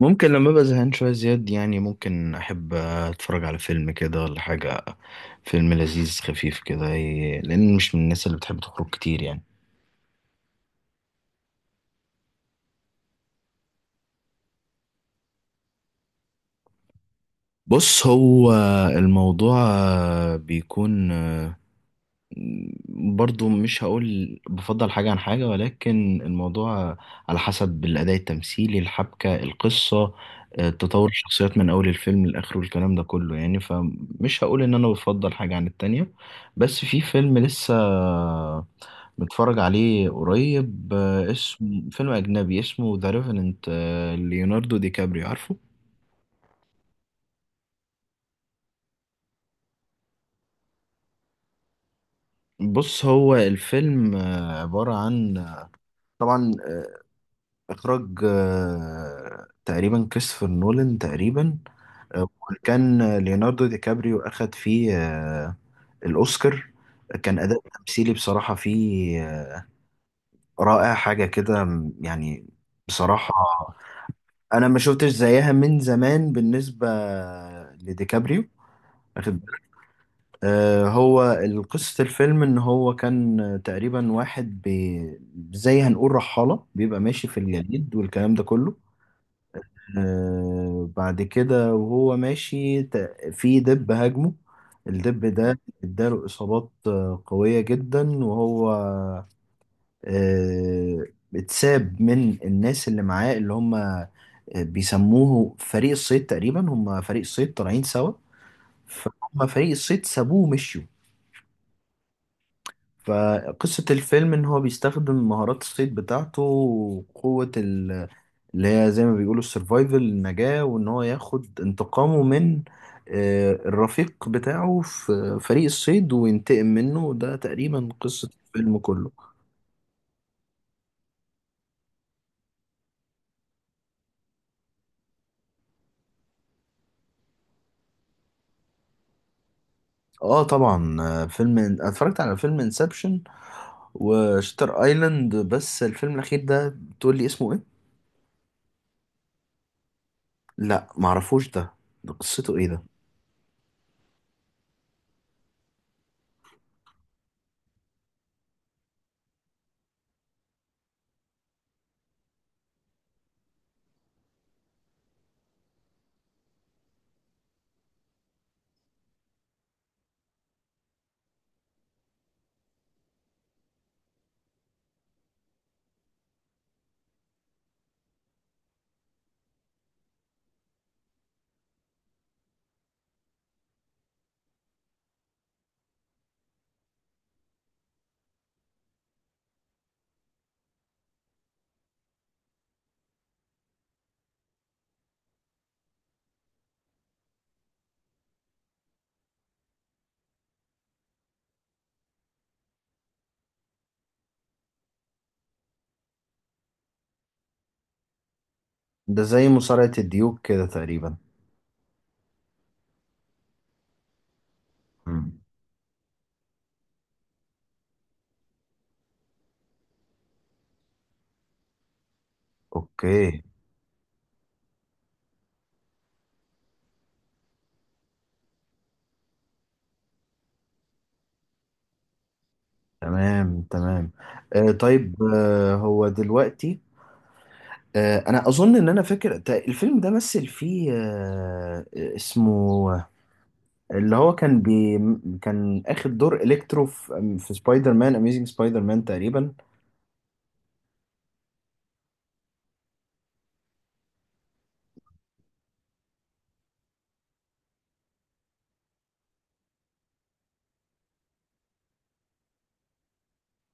ممكن لما ابقى زهقان شويه زياد، يعني ممكن احب اتفرج على فيلم كده ولا حاجه. فيلم لذيذ خفيف كده، لان مش من الناس اللي بتحب تخرج كتير يعني. بص، هو الموضوع بيكون برضو، مش هقول بفضل حاجه عن حاجه، ولكن الموضوع على حسب الاداء التمثيلي، الحبكه، القصه، تطور الشخصيات من اول الفيلم لاخره، الكلام ده كله يعني، فمش هقول ان انا بفضل حاجه عن التانية. بس في فيلم لسه متفرج عليه قريب، اسمه. فيلم أجنبي اسمه ذا ريفننت، ليوناردو دي كابريو، عارفه. بص، هو الفيلم عبارة عن، طبعا إخراج تقريبا كريستوفر نولان تقريبا، وكان ليوناردو دي كابريو أخد فيه الأوسكار. كان أداء تمثيلي بصراحة فيه رائع، حاجة كده يعني، بصراحة أنا ما شفتش زيها من زمان بالنسبة لديكابريو. واخد آه، هو قصة الفيلم إن هو كان تقريبا واحد زي هنقول رحالة بيبقى ماشي في الجليد والكلام ده كله. بعد كده وهو ماشي في دب هاجمه. الدب ده اداله إصابات قوية جدا، وهو آه، اتساب من الناس اللي معاه، اللي هم بيسموه فريق الصيد تقريبا. هم فريق الصيد طالعين سوا، فهم فريق الصيد سابوه ومشيوا. فقصة الفيلم إن هو بيستخدم مهارات الصيد بتاعته وقوة اللي هي زي ما بيقولوا السرفايفل، النجاة، وإن هو ياخد انتقامه من الرفيق بتاعه في فريق الصيد وينتقم منه. ده تقريبا قصة الفيلم كله. اه، طبعا. فيلم أنا اتفرجت على فيلم انسبشن وشتر ايلاند، بس الفيلم الأخير ده تقول لي اسمه ايه؟ لا، معرفوش ده قصته ايه ده؟ ده زي مصارعة الديوك كده تقريبا. اوكي. تمام، تمام. طيب، هو دلوقتي انا اظن ان انا فاكر الفيلم ده مثل فيه اسمه. اللي هو كان كان اخد دور الكترو في سبايدر مان اميزing سبايدر مان تقريبا.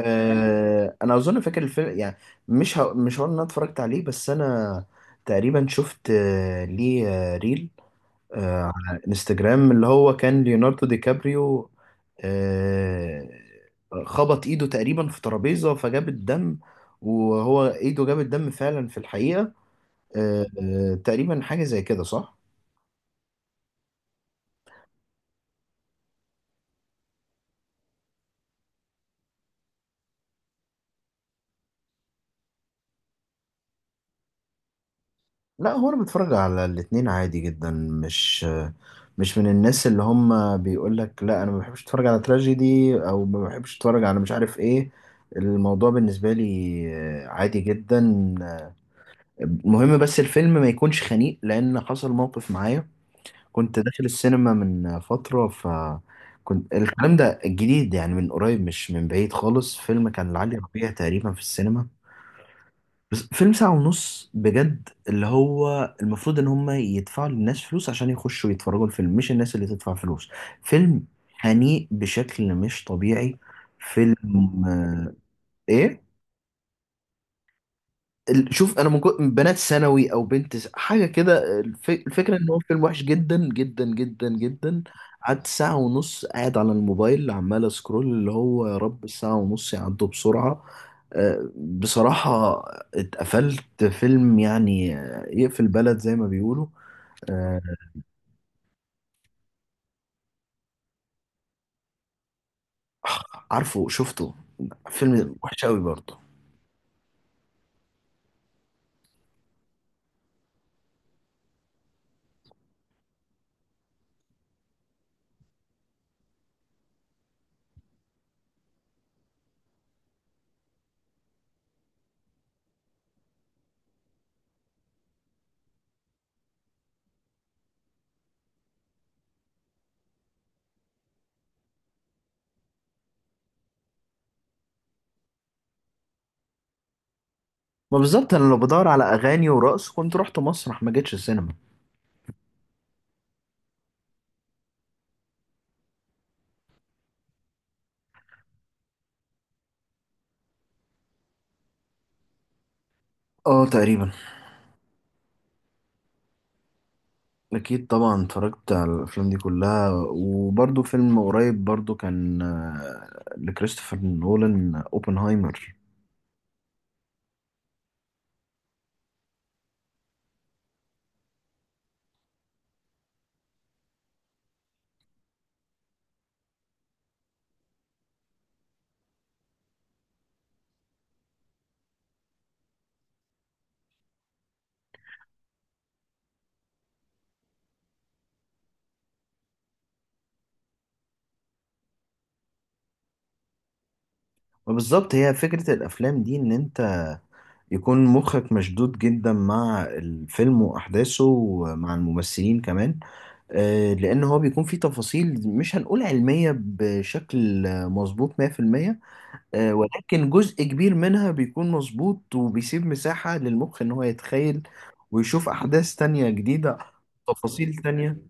انا اظن فاكر الفيلم يعني، مش هقول ان انا اتفرجت عليه، بس انا تقريبا شفت آه ليه آه ريل على انستجرام، اللي هو كان ليوناردو دي كابريو آه، خبط ايده تقريبا في ترابيزة فجاب الدم. وهو ايده جاب الدم فعلا في الحقيقة، تقريبا حاجة زي كده، صح؟ لا، هو انا بتفرج على الاتنين عادي جدا. مش من الناس اللي هم بيقول لك لا، انا ما بحبش اتفرج على تراجيدي، او ما بحبش اتفرج على مش عارف ايه. الموضوع بالنسبة لي عادي جدا. المهم بس الفيلم ما يكونش خنيق، لان حصل موقف معايا، كنت داخل السينما من فترة. كنت الكلام ده الجديد يعني، من قريب مش من بعيد خالص. فيلم كان لعلي ربيع تقريبا في السينما، بس فيلم ساعة ونص بجد، اللي هو المفروض ان هم يدفعوا للناس فلوس عشان يخشوا يتفرجوا الفيلم، مش الناس اللي تدفع فلوس. فيلم خنيق بشكل مش طبيعي. فيلم آه، ايه شوف، انا من من بنات ثانوي او بنت حاجه كده، الفكره ان هو فيلم وحش جدا جدا جدا جدا. قعدت ساعه ونص قاعد على الموبايل عمال اسكرول، اللي هو يا رب الساعه ونص يعدوا بسرعه. بصراحه اتقفلت. فيلم يعني يقفل بلد زي ما بيقولوا. آه، عارفه، شفته. فيلم وحش قوي برضه. ما بالظبط، انا لو بدور على اغاني ورقص كنت رحت مسرح ما جيتش السينما. اه، تقريبا. أكيد طبعا اتفرجت على الأفلام دي كلها. وبرضه فيلم قريب برضه كان لكريستوفر نولان، أوبنهايمر. وبالظبط هي فكرة الأفلام دي، إن أنت يكون مخك مشدود جدا مع الفيلم وأحداثه ومع الممثلين كمان، لأن هو بيكون فيه تفاصيل مش هنقول علمية بشكل مظبوط 100%، ولكن جزء كبير منها بيكون مظبوط وبيسيب مساحة للمخ إن هو يتخيل ويشوف أحداث تانية جديدة، تفاصيل تانية.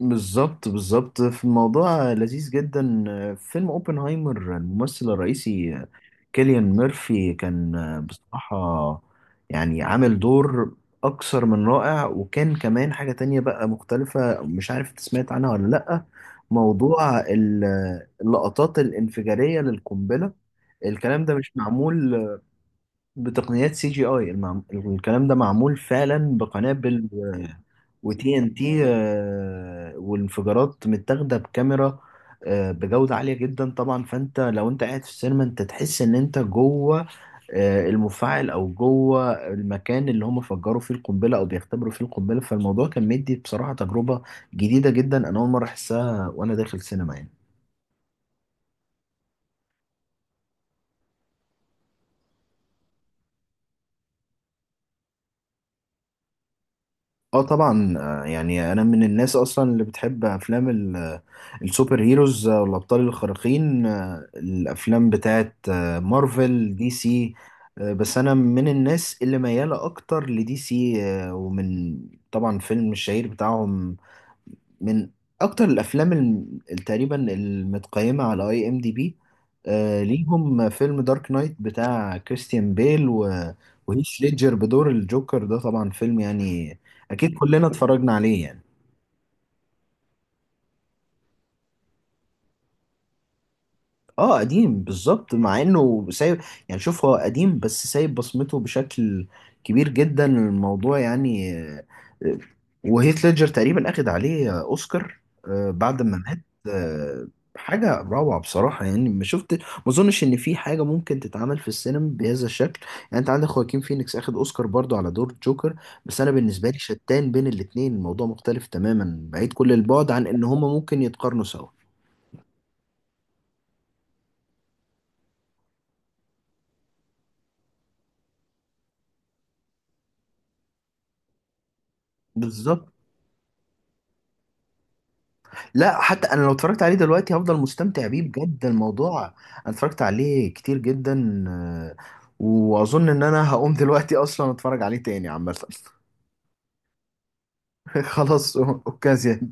بالظبط، بالظبط، في الموضوع لذيذ جدا. فيلم اوبنهايمر، الممثل الرئيسي كيليان ميرفي، كان بصراحة يعني عامل دور أكثر من رائع. وكان كمان حاجة تانية بقى مختلفة، مش عارف انت سمعت عنها ولا لأ، موضوع اللقطات الانفجارية للقنبلة. الكلام ده مش معمول بتقنيات سي جي اي، الكلام ده معمول فعلا بقنابل وتي ان تي، والانفجارات متاخده بكاميرا بجوده عاليه جدا. طبعا فانت لو انت قاعد في السينما، انت تحس ان انت جوه المفاعل او جوه المكان اللي هم فجروا فيه القنبله او بيختبروا فيه القنبله. فالموضوع كان مدي بصراحه تجربه جديده جدا، انا اول مره احسها وانا داخل سينما يعني. اه طبعا، يعني انا من الناس اصلا اللي بتحب افلام السوبر هيروز، والابطال الخارقين. الافلام بتاعت مارفل، دي سي، بس انا من الناس اللي ميالة اكتر لدي سي، آه، ومن طبعا فيلم الشهير بتاعهم، من اكتر الافلام تقريبا المتقيمه على اي ام دي بي ليهم، فيلم دارك نايت بتاع كريستيان بيل و- وهيث ليدجر بدور الجوكر. ده طبعا فيلم يعني اكيد كلنا اتفرجنا عليه يعني. اه، قديم بالظبط. مع انه سايب يعني، شوف هو قديم بس سايب بصمته بشكل كبير جدا الموضوع يعني. آه، وهيث ليدجر تقريبا اخد عليه اوسكار بعد ما مات. آه، حاجة روعة بصراحة يعني. ما اظنش ان في حاجة ممكن تتعمل في السينما بهذا الشكل. يعني انت عندك خواكين فينيكس اخد اوسكار برضو على دور جوكر، بس انا بالنسبة لي شتان بين الاتنين، الموضوع مختلف تماما بعيد كل البعد عن ان هما ممكن يتقارنوا سوا. بالظبط. لا، حتى انا لو اتفرجت عليه دلوقتي هفضل مستمتع بيه بجد. الموضوع انا اتفرجت عليه كتير جدا، واظن ان انا هقوم دلوقتي اصلا اتفرج عليه تاني عامه. خلاص اوكازيا